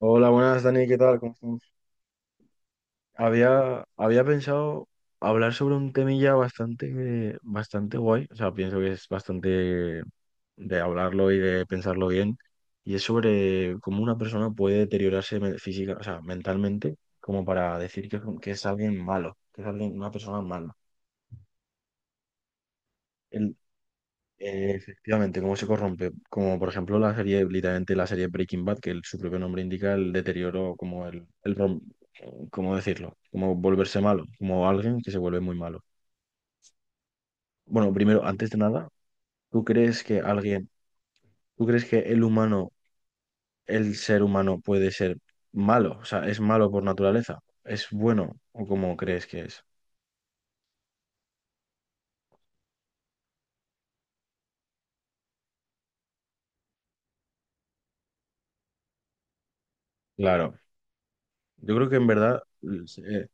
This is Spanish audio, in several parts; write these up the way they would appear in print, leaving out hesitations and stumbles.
Hola, buenas, Dani, ¿qué tal? ¿Cómo estamos? Había pensado hablar sobre un temilla bastante, bastante guay, o sea, pienso que es bastante de hablarlo y de pensarlo bien, y es sobre cómo una persona puede deteriorarse física, o sea, mentalmente, como para decir que es alguien malo, que es alguien, una persona mala. Efectivamente, cómo se corrompe, como por ejemplo la serie, literalmente la serie Breaking Bad, que su propio nombre indica el deterioro, como el ¿cómo decirlo? Como volverse malo, como alguien que se vuelve muy malo. Bueno, primero, antes de nada, ¿tú crees que alguien, tú crees que el humano, el ser humano puede ser malo? O sea, ¿es malo por naturaleza? ¿Es bueno o cómo crees que es? Claro, yo creo que en verdad, eh,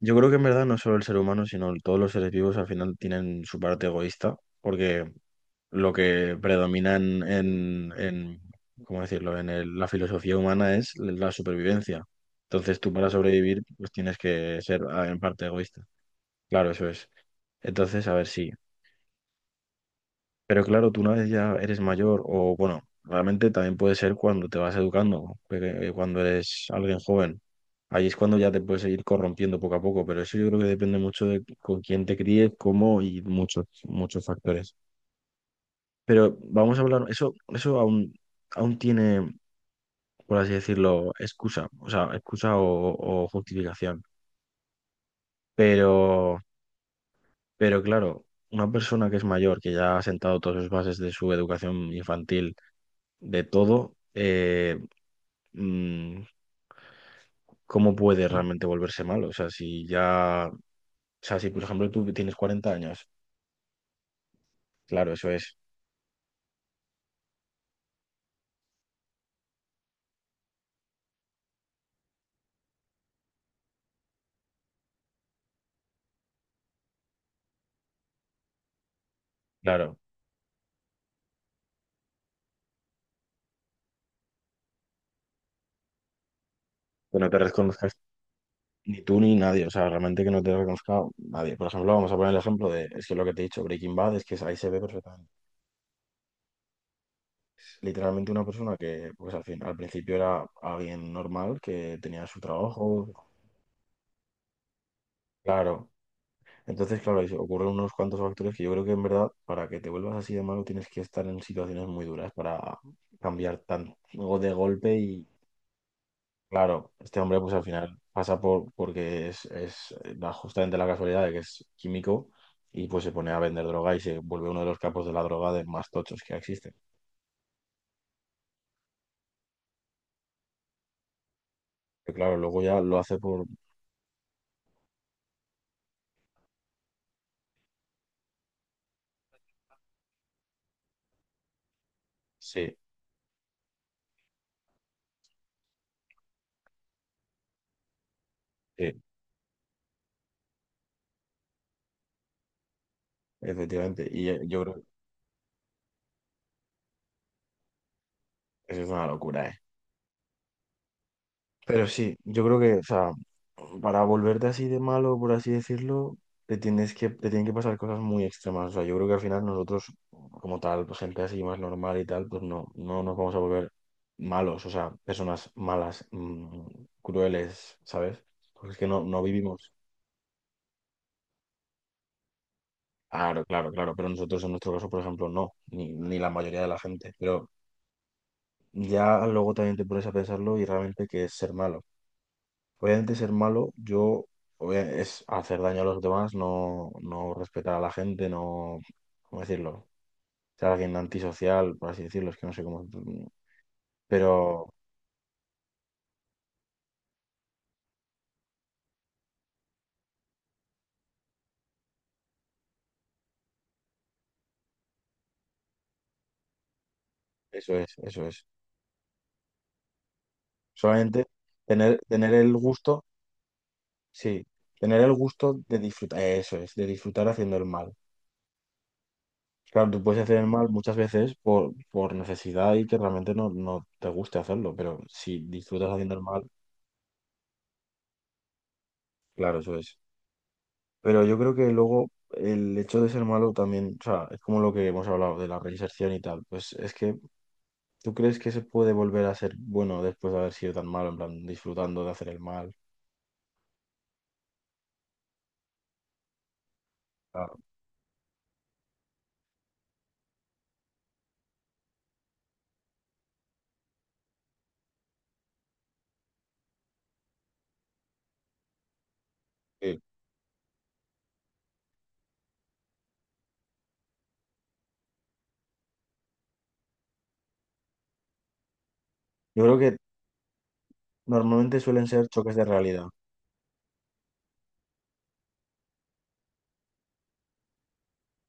yo creo que en verdad no solo el ser humano, sino todos los seres vivos al final tienen su parte egoísta, porque lo que predomina ¿cómo decirlo? La filosofía humana es la supervivencia. Entonces tú para sobrevivir pues tienes que ser en parte egoísta. Claro, eso es. Entonces, a ver, sí. Pero claro, tú una vez ya eres mayor o bueno, realmente también puede ser cuando te vas educando, porque, cuando eres alguien joven. Ahí es cuando ya te puedes ir corrompiendo poco a poco, pero eso yo creo que depende mucho de con quién te críes, cómo y muchos, muchos factores. Pero vamos a hablar, eso aún tiene, por así decirlo, excusa, o sea, excusa o justificación. Pero, pero claro, una persona que es mayor, que ya ha sentado todas las bases de su educación infantil, de todo, mm, ¿cómo puede realmente volverse malo? O sea, si ya, o sea, si por ejemplo tú tienes 40 años, claro, eso es, claro, que no te reconozcas ni tú ni nadie, o sea, realmente que no te reconozca nadie. Por ejemplo, vamos a poner el ejemplo de, es que lo que te he dicho, Breaking Bad, es que ahí se ve perfectamente. Es literalmente una persona que, pues al principio era alguien normal, que tenía su trabajo, claro. Entonces, claro, ahí se ocurren unos cuantos factores que yo creo que en verdad, para que te vuelvas así de malo, tienes que estar en situaciones muy duras para cambiar tan, luego de golpe y claro, este hombre pues al final pasa por porque es justamente la casualidad de que es químico y pues se pone a vender droga y se vuelve uno de los capos de la droga de más tochos que existen. Pero claro, luego ya lo hace por... Sí, sí, efectivamente. Y yo creo que eso es una locura, ¿eh? Pero sí, yo creo que, o sea, para volverte así de malo, por así decirlo, te tienen que pasar cosas muy extremas. O sea, yo creo que al final nosotros, como tal, pues, gente así más normal y tal, pues no, no nos vamos a volver malos, o sea, personas malas, crueles, ¿sabes? Porque es que no, no vivimos. Claro, claro, claro, pero nosotros en nuestro caso, por ejemplo, no, ni la mayoría de la gente. Pero ya luego también te pones a pensarlo y realmente qué es ser malo. Obviamente ser malo, es hacer daño a los demás, no, no respetar a la gente, no, ¿cómo decirlo? Ser alguien antisocial, por así decirlo, es que no sé cómo. Pero eso es, eso es. Solamente tener el gusto, sí, tener el gusto de disfrutar, eso es, de disfrutar haciendo el mal. Claro, tú puedes hacer el mal muchas veces por necesidad y que realmente no, no te guste hacerlo, pero si disfrutas haciendo el mal, claro, eso es. Pero yo creo que luego el hecho de ser malo también, o sea, es como lo que hemos hablado de la reinserción y tal, pues es que tú crees que se puede volver a ser bueno después de haber sido tan malo, en plan, disfrutando de hacer el mal. Claro. Sí. Yo creo que normalmente suelen ser choques de realidad,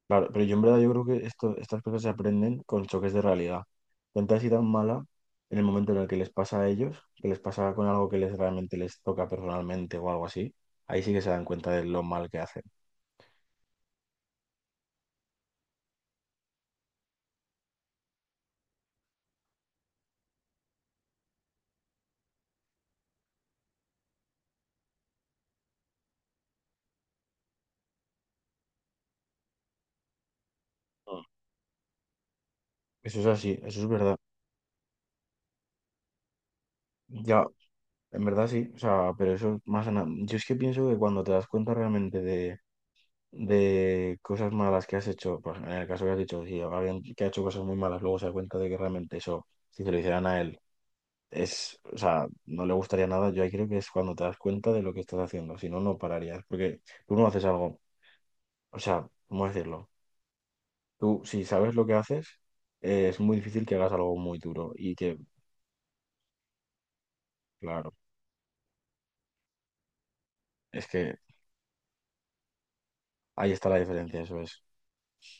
claro, pero yo en verdad yo creo que esto, estas cosas se aprenden con choques de realidad. Gente así tan mala, en el momento en el que les pasa a ellos, que les pasa con algo que les realmente les toca personalmente o algo así, ahí sí que se dan cuenta de lo mal que hacen. Mm. Eso es así, eso es verdad. Ya, en verdad sí, o sea, pero eso más... nada. Yo es que pienso que cuando te das cuenta realmente de cosas malas que has hecho, pues en el caso que has dicho, si alguien que ha hecho cosas muy malas luego se da cuenta de que realmente eso, si se lo hicieran a él, es, o sea, no le gustaría nada, yo ahí creo que es cuando te das cuenta de lo que estás haciendo, si no, no pararías, porque tú no haces algo, o sea, ¿cómo decirlo? Tú, si sabes lo que haces, es muy difícil que hagas algo muy duro y que, claro, es que ahí está la diferencia, eso es.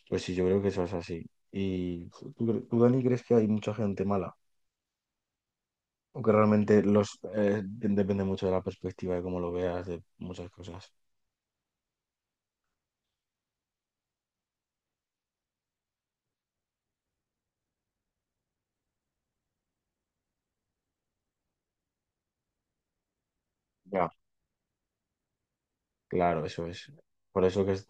Pues sí, yo creo que eso es así. ¿Y tú, tú, Dani, crees que hay mucha gente mala? ¿O que realmente los depende mucho de la perspectiva, de cómo lo veas, de muchas cosas? Ya, claro, eso es. Por eso que es,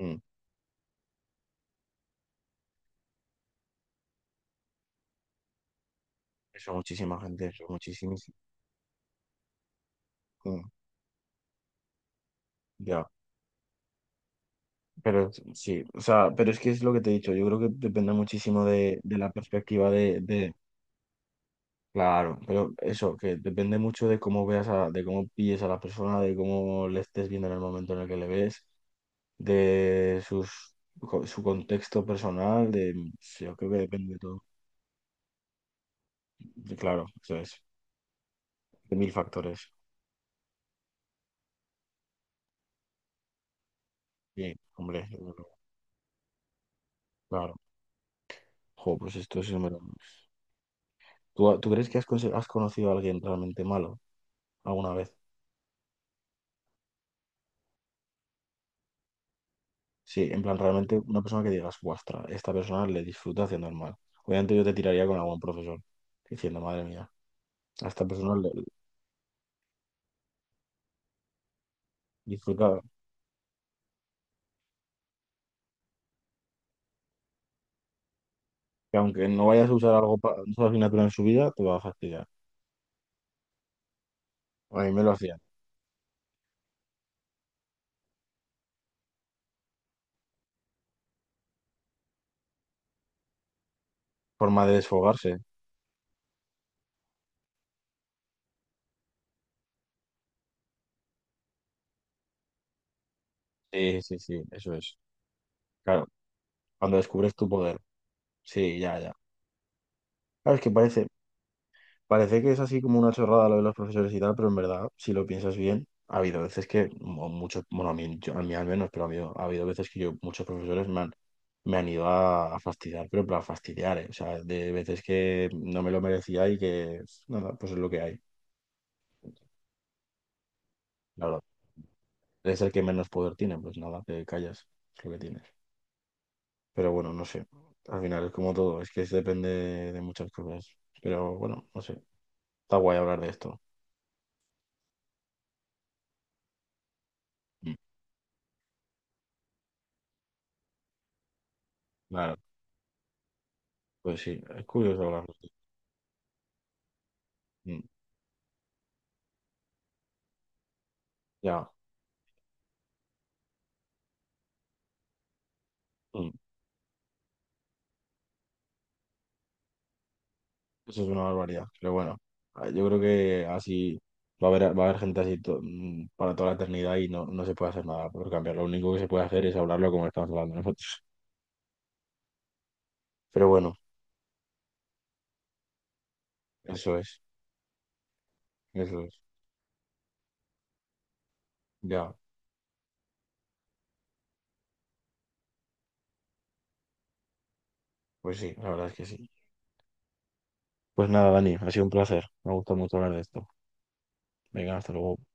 mm, eso muchísima gente, eso muchísima. Ya, pero sí, o sea, pero es que es lo que te he dicho, yo creo que depende muchísimo de la perspectiva Claro, pero eso, que depende mucho de cómo veas a, de cómo pilles a la persona, de cómo le estés viendo en el momento en el que le ves de sus, su contexto personal, de, sí, yo creo que depende de todo. Y claro, eso es, de mil factores. Sí, hombre, yo creo que... claro. Jo, pues esto es... me lo... ¿Tú, tú crees que has, has conocido a alguien realmente malo alguna vez? Sí, en plan, realmente una persona que digas, guastra, esta persona le disfruta haciendo el mal. Obviamente yo te tiraría con algún profesor, diciendo, madre mía, a esta persona le disfruta, que aunque no vayas a usar algo para una asignatura en su vida, te va a fastidiar. A mí me lo hacían. Forma de desfogarse. Sí, sí, sí, eso es. Claro, cuando descubres tu poder. Sí, ya, ya. Claro, es que parece, parece que es así como una chorrada lo de los profesores y tal, pero en verdad, si lo piensas bien, ha habido veces que, muchos, bueno, a mí, a mí al menos, pero ha habido veces que yo, muchos profesores me han ido a fastidiar, pero para fastidiar, ¿eh? O sea, de veces que no me lo merecía y que, nada, pues es lo que hay. Claro, eres el que menos poder tiene, pues nada, te callas, es lo que tienes. Pero bueno, no sé. Al final es como todo, es que se depende de muchas cosas. Pero bueno, no sé. Está guay hablar de esto. Mm. Claro, pues sí, es curioso hablarlo. Sí. Mm, Ya, mm, Eso es una barbaridad. Pero bueno, yo creo que así va a haber gente así para toda la eternidad y no, no se puede hacer nada por cambiar. Lo único que se puede hacer es hablarlo como estamos hablando nosotros. Pero bueno, eso es, eso es. Ya, pues sí, la verdad es que sí. Pues nada, Dani, ha sido un placer. Me ha gustado mucho hablar de esto. Venga, hasta luego.